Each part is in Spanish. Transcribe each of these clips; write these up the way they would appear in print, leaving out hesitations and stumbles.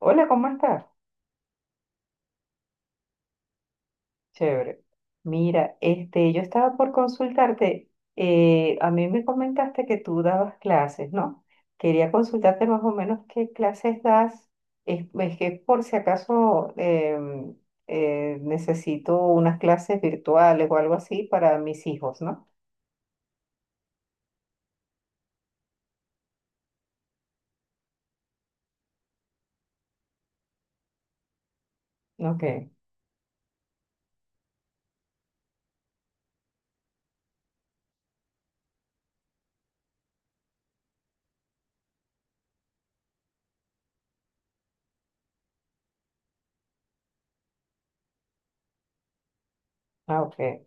Hola, ¿cómo estás? Chévere. Mira, este, yo estaba por consultarte. A mí me comentaste que tú dabas clases, ¿no? Quería consultarte más o menos qué clases das. Es que por si acaso necesito unas clases virtuales o algo así para mis hijos, ¿no? Ok, ah, ok.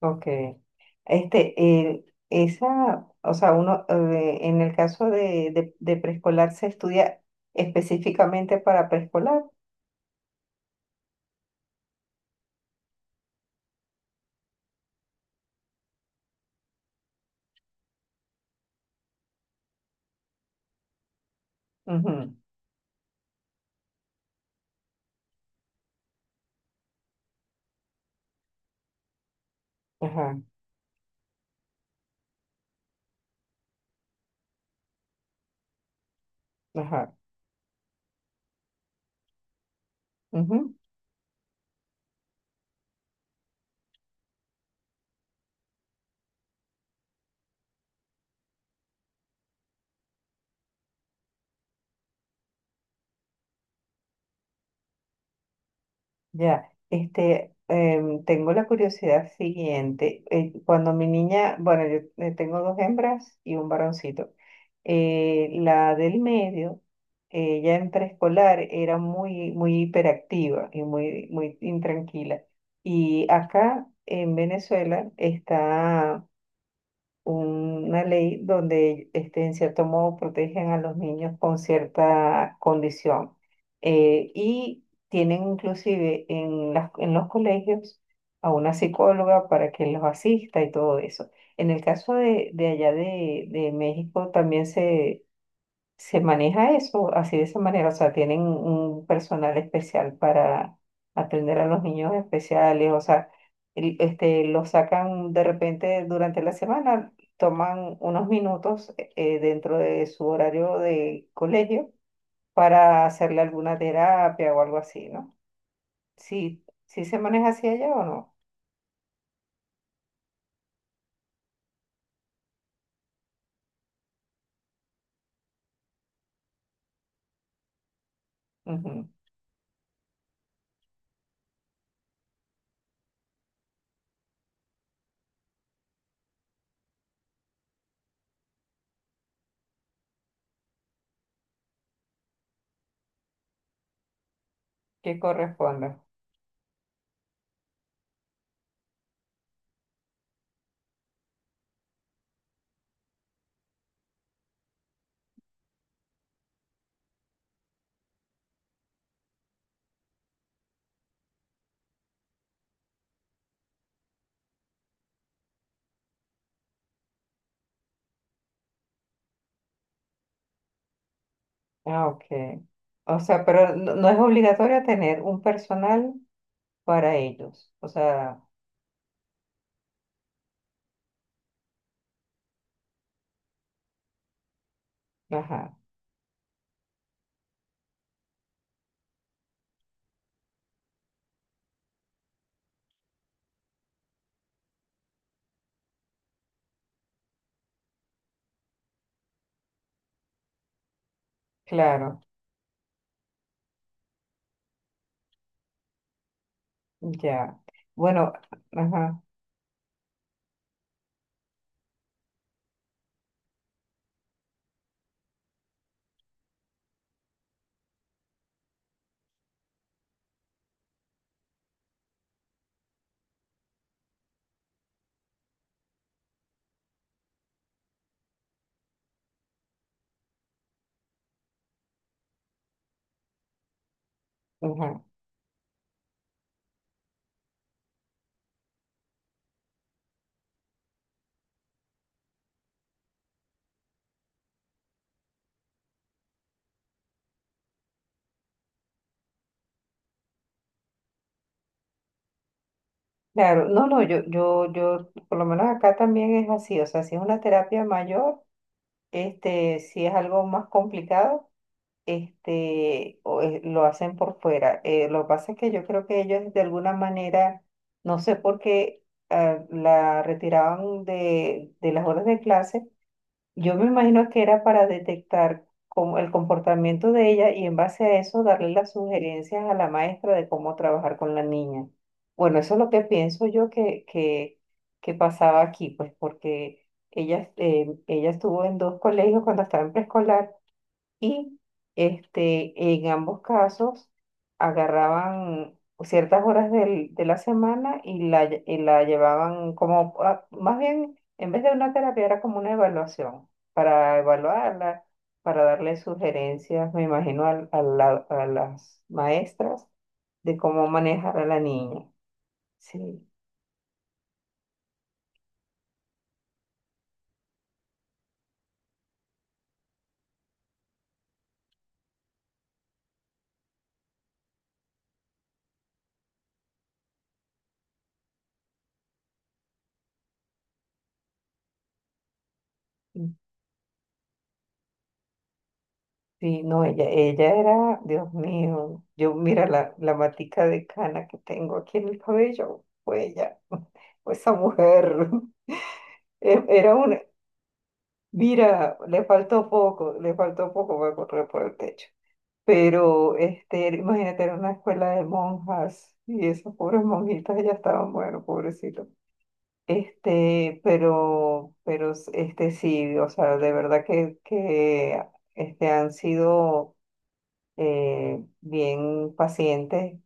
Ok. Este, esa, o sea, uno, en el caso de, de preescolar se estudia específicamente para preescolar. Ujú. Ajá, ajá. Ya, este, tengo la curiosidad siguiente. Cuando mi niña, bueno, yo tengo dos hembras y un varoncito. La del medio, ella en preescolar era muy, muy hiperactiva y muy, muy intranquila. Y acá en Venezuela está una ley donde este, en cierto modo protegen a los niños con cierta condición. Y tienen inclusive en en los colegios a una psicóloga para que los asista y todo eso. En el caso de, allá de México también se maneja eso así de esa manera, o sea, tienen un personal especial para atender a los niños especiales, o sea, este, los sacan de repente durante la semana, toman unos minutos dentro de su horario de colegio para hacerle alguna terapia o algo así, ¿no? Sí, sí se maneja así allá o no. Ujú. ¿Qué corresponde? Ah, ok. O sea, pero no, no es obligatorio tener un personal para ellos. O sea, ajá, claro, ya. Bueno, ajá, ajá. Claro, no, no, yo, yo, por lo menos acá también es así, o sea, si es una terapia mayor, este, si es algo más complicado, este, lo hacen por fuera. Lo que pasa es que yo creo que ellos de alguna manera, no sé por qué, la retiraban de las horas de clase. Yo me imagino que era para detectar el comportamiento de ella y en base a eso darle las sugerencias a la maestra de cómo trabajar con la niña. Bueno, eso es lo que pienso yo que pasaba aquí, pues porque ella, ella estuvo en dos colegios cuando estaba en preescolar y este, en ambos casos agarraban ciertas horas de la semana y y la llevaban como, más bien, en vez de una terapia era como una evaluación, para evaluarla, para darle sugerencias, me imagino, a las maestras de cómo manejar a la niña. Sí. Sí, no, ella era, Dios mío, yo mira la, la matica de cana que tengo aquí en el cabello, fue ella, fue esa mujer, era una, mira, le faltó poco para correr por el techo, pero este, imagínate, era una escuela de monjas y esas pobres monjitas ya estaban, bueno, pobrecitos, este, pero, este, sí, o sea, de verdad este, han sido bien pacientes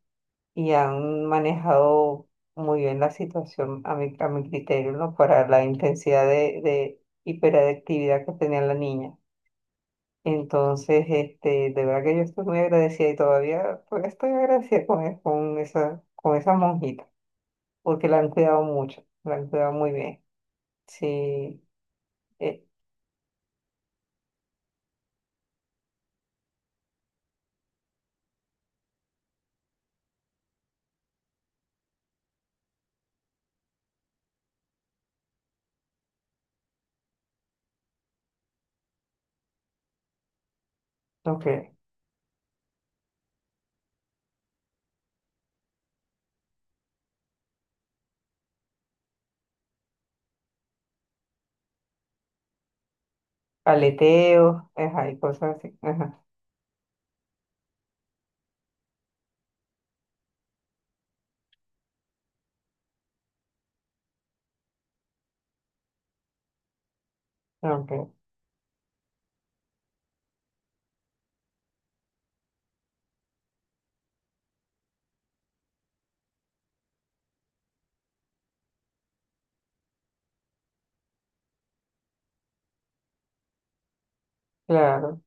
y han manejado muy bien la situación a mi criterio, ¿no? Para la intensidad de hiperactividad que tenía la niña. Entonces, este, de verdad que yo estoy muy agradecida y todavía, todavía estoy agradecida con, con esa monjita, porque la han cuidado mucho, la han cuidado muy bien. Sí, eh, ok. Aleteo, ajá, y cosas así. Ajá, ok, claro.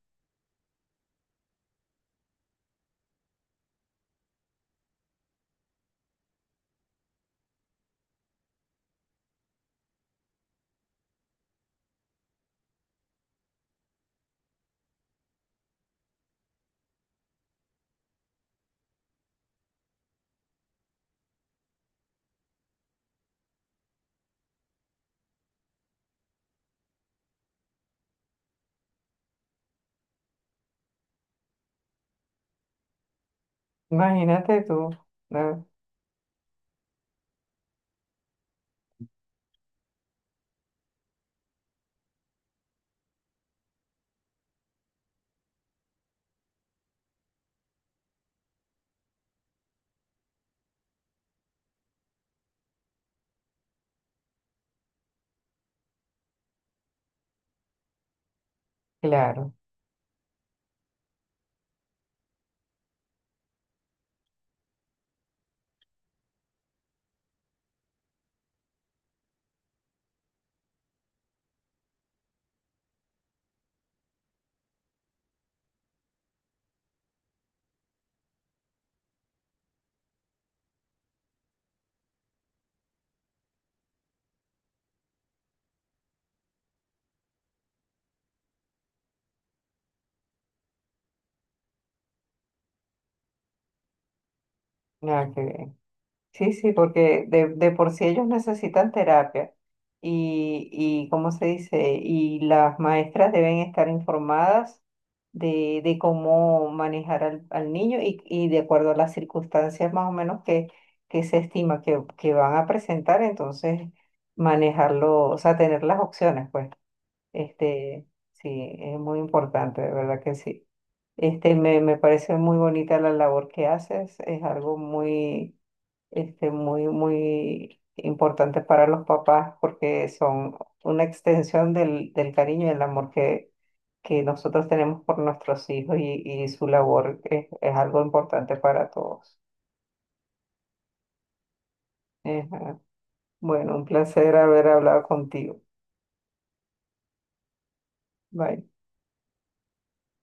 Imagínate tú, ¿no? Claro. Ah, qué bien. Sí, sí, porque de por sí ellos necesitan terapia y, ¿cómo se dice? Y las maestras deben estar informadas de cómo manejar al, al niño y de acuerdo a las circunstancias más o menos que se estima que van a presentar, entonces manejarlo, o sea, tener las opciones, pues. Este, sí, es muy importante, de verdad que sí. Este, me parece muy bonita la labor que haces, es algo muy este, muy, muy importantes para los papás porque son una extensión del, del cariño y el amor que nosotros tenemos por nuestros hijos y su labor es algo importante para todos. Ajá. Bueno, un placer haber hablado contigo. Bye.